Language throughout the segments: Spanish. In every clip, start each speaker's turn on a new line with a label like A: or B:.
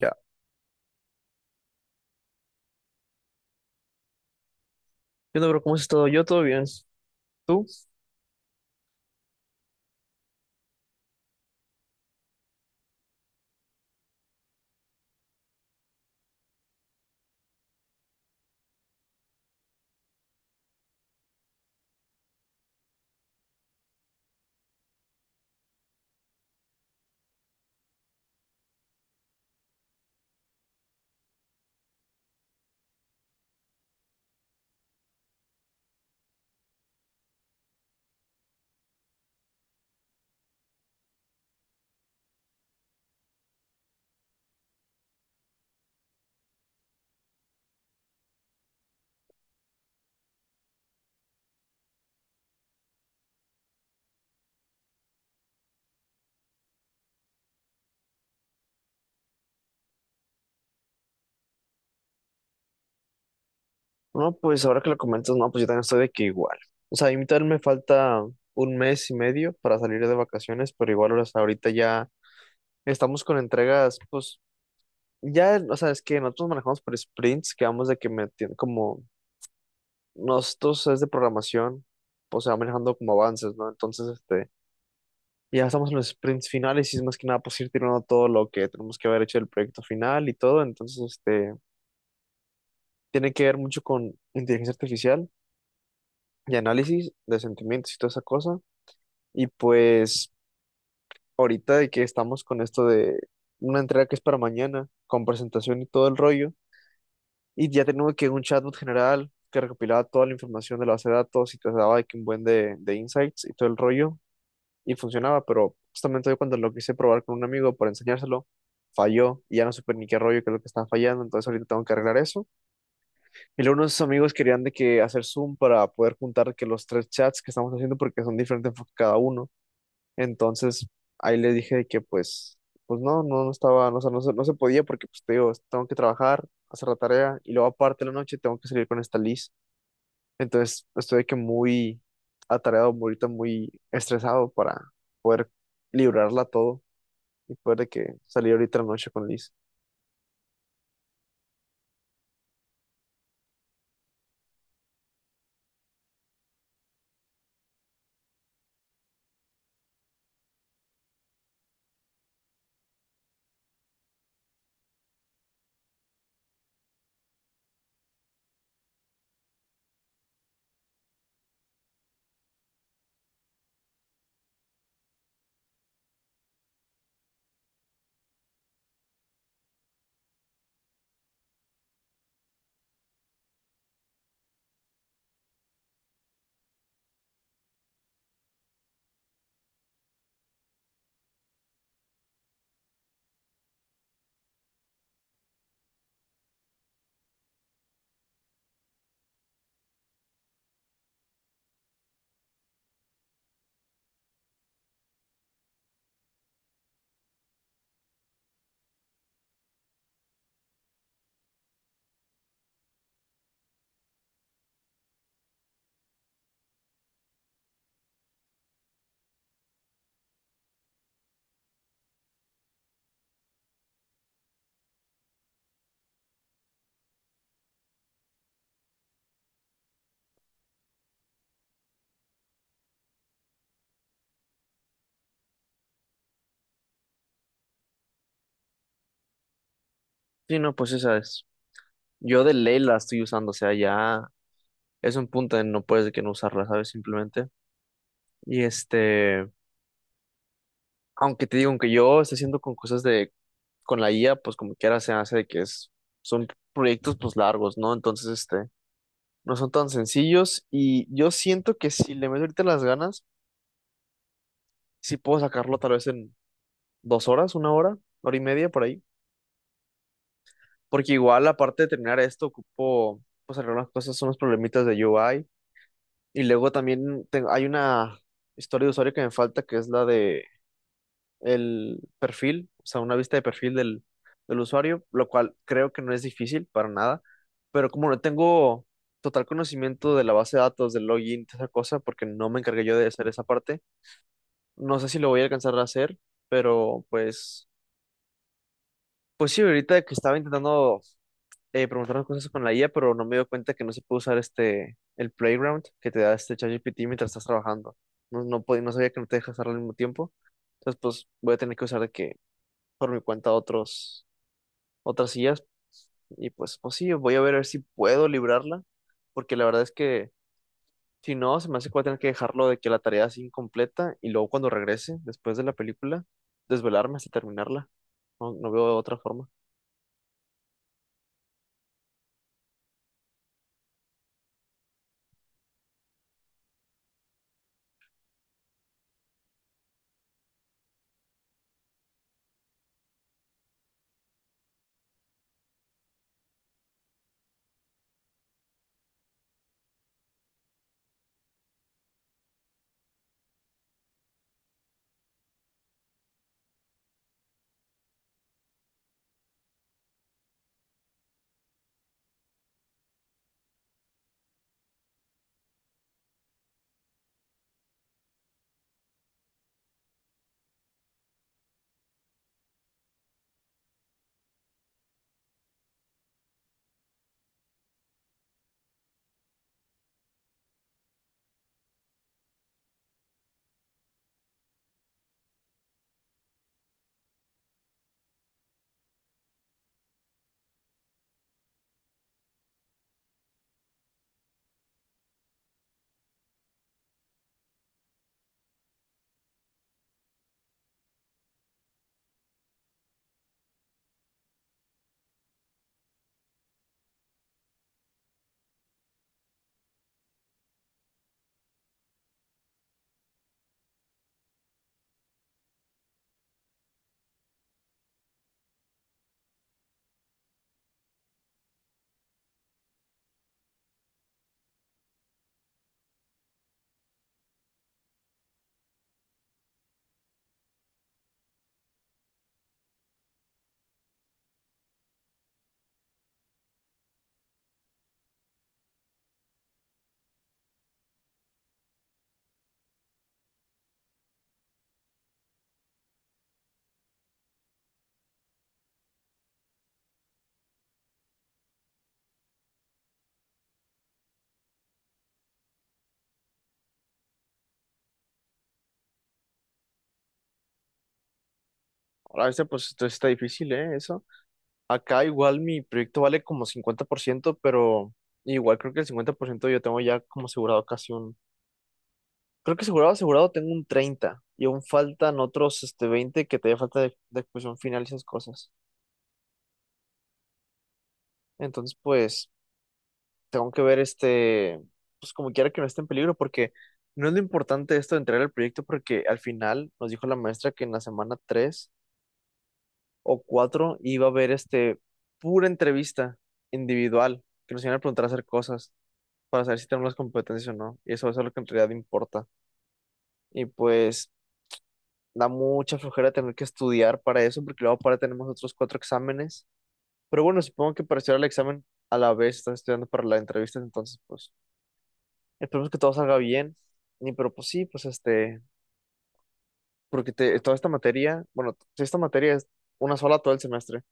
A: Ya. Yo no, bro, ¿cómo has todo? Yo todo bien. ¿Tú? No, pues ahora que lo comentas, no, pues yo también estoy de que igual. O sea, a mí también me falta un mes y medio para salir de vacaciones, pero igual, o sea, ahorita ya estamos con entregas, pues ya, o sea, es que nosotros manejamos por sprints, que vamos de que como nosotros es de programación, pues se va manejando como avances, ¿no? Entonces, ya estamos en los sprints finales y es más que nada, pues ir tirando todo lo que tenemos que haber hecho del proyecto final y todo, entonces. Tiene que ver mucho con inteligencia artificial y análisis de sentimientos y toda esa cosa. Y pues ahorita de que estamos con esto de una entrega que es para mañana, con presentación y todo el rollo, y ya tenemos que un chatbot general que recopilaba toda la información de la base de datos y te daba de que un buen de insights y todo el rollo, y funcionaba, pero justamente hoy cuando lo quise probar con un amigo para enseñárselo, falló y ya no supe ni qué rollo, qué es lo que estaba fallando, entonces ahorita tengo que arreglar eso. Y luego unos amigos querían de que hacer Zoom para poder juntar que los tres chats que estamos haciendo porque son diferentes enfoques cada uno. Entonces ahí les dije de que pues, pues no, no, no estaba, no, o sea, no, no se podía porque pues te digo, tengo que trabajar, hacer la tarea y luego aparte de la noche tengo que salir con esta Liz. Entonces estoy de que muy atareado, muy ahorita muy estresado para poder librarla todo y poder de que salir ahorita en la noche con Liz. Sí, no, pues esa es. Yo de ley la estoy usando, o sea, ya es un punto en no puedes de que no usarla, ¿sabes? Simplemente. Y aunque te digo, aunque yo esté haciendo con cosas de, con la IA, pues como quiera se hace de que es, son proyectos pues largos, ¿no? Entonces, no son tan sencillos y yo siento que si le meto ahorita las ganas, sí puedo sacarlo tal vez en 2 horas, 1 hora, hora y media por ahí. Porque igual, aparte de terminar esto, ocupo, pues algunas cosas son los problemitas de UI. Y luego también hay una historia de usuario que me falta, que es la de el perfil, o sea, una vista de perfil del usuario, lo cual creo que no es difícil para nada, pero como no tengo total conocimiento de la base de datos, del login, toda esa cosa, porque no me encargué yo de hacer esa parte, no sé si lo voy a alcanzar a hacer, pero pues, pues sí, ahorita que estaba intentando preguntar unas cosas con la IA, pero no me dio cuenta que no se puede usar este, el Playground que te da este ChatGPT mientras estás trabajando. No, no, no sabía que no te dejas hacerlo al mismo tiempo. Entonces, pues voy a tener que usar de que por mi cuenta otros, otras sillas. Y pues, pues sí, voy a ver si puedo librarla, porque la verdad es que si no, se me hace que voy a tener que dejarlo de que la tarea es incompleta y luego cuando regrese, después de la película, desvelarme hasta terminarla. No, no veo otra forma. Ahora, pues esto sí está difícil, ¿eh? Eso. Acá igual mi proyecto vale como 50% pero igual creo que el 50% yo tengo ya como asegurado casi un. Creo que asegurado, asegurado tengo un 30 y aún faltan otros 20 que te falta de exposición final y esas cosas. Entonces, pues, tengo que ver pues como quiera que no esté en peligro, porque no es lo importante esto de entregar el proyecto, porque al final nos dijo la maestra que en la semana 3 o 4 iba a haber pura entrevista individual, que nos iban a preguntar a hacer cosas para saber si tenemos las competencias o no. Y eso es lo que en realidad importa. Y pues da mucha flojera tener que estudiar para eso, porque luego para tenemos otros cuatro exámenes. Pero bueno, supongo que para estudiar el examen a la vez estás estudiando para la entrevista, entonces pues esperemos que todo salga bien. Y pero pues sí, pues porque toda esta materia, bueno, esta materia es una sola todo el semestre,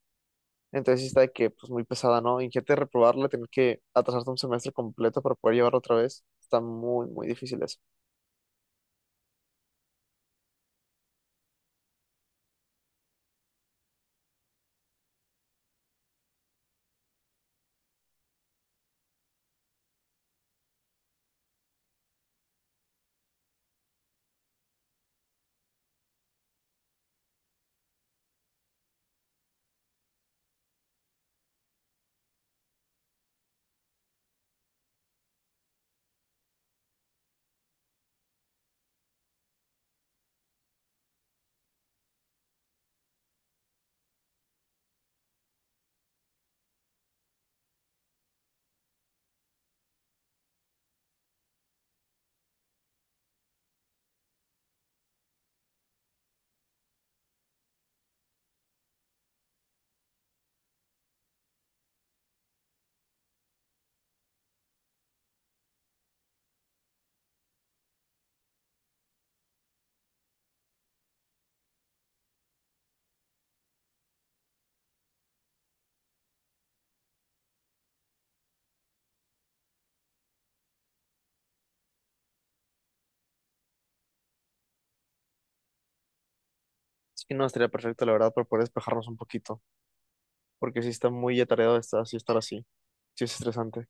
A: entonces sí está de que pues muy pesada, ¿no? Imagínate reprobarla, tener que atrasarte un semestre completo para poder llevarla otra vez. Está muy, muy difícil eso. Así que no, estaría perfecto, la verdad, para poder despejarnos un poquito, porque sí está muy atareado estar así, estar así. Sí es estresante.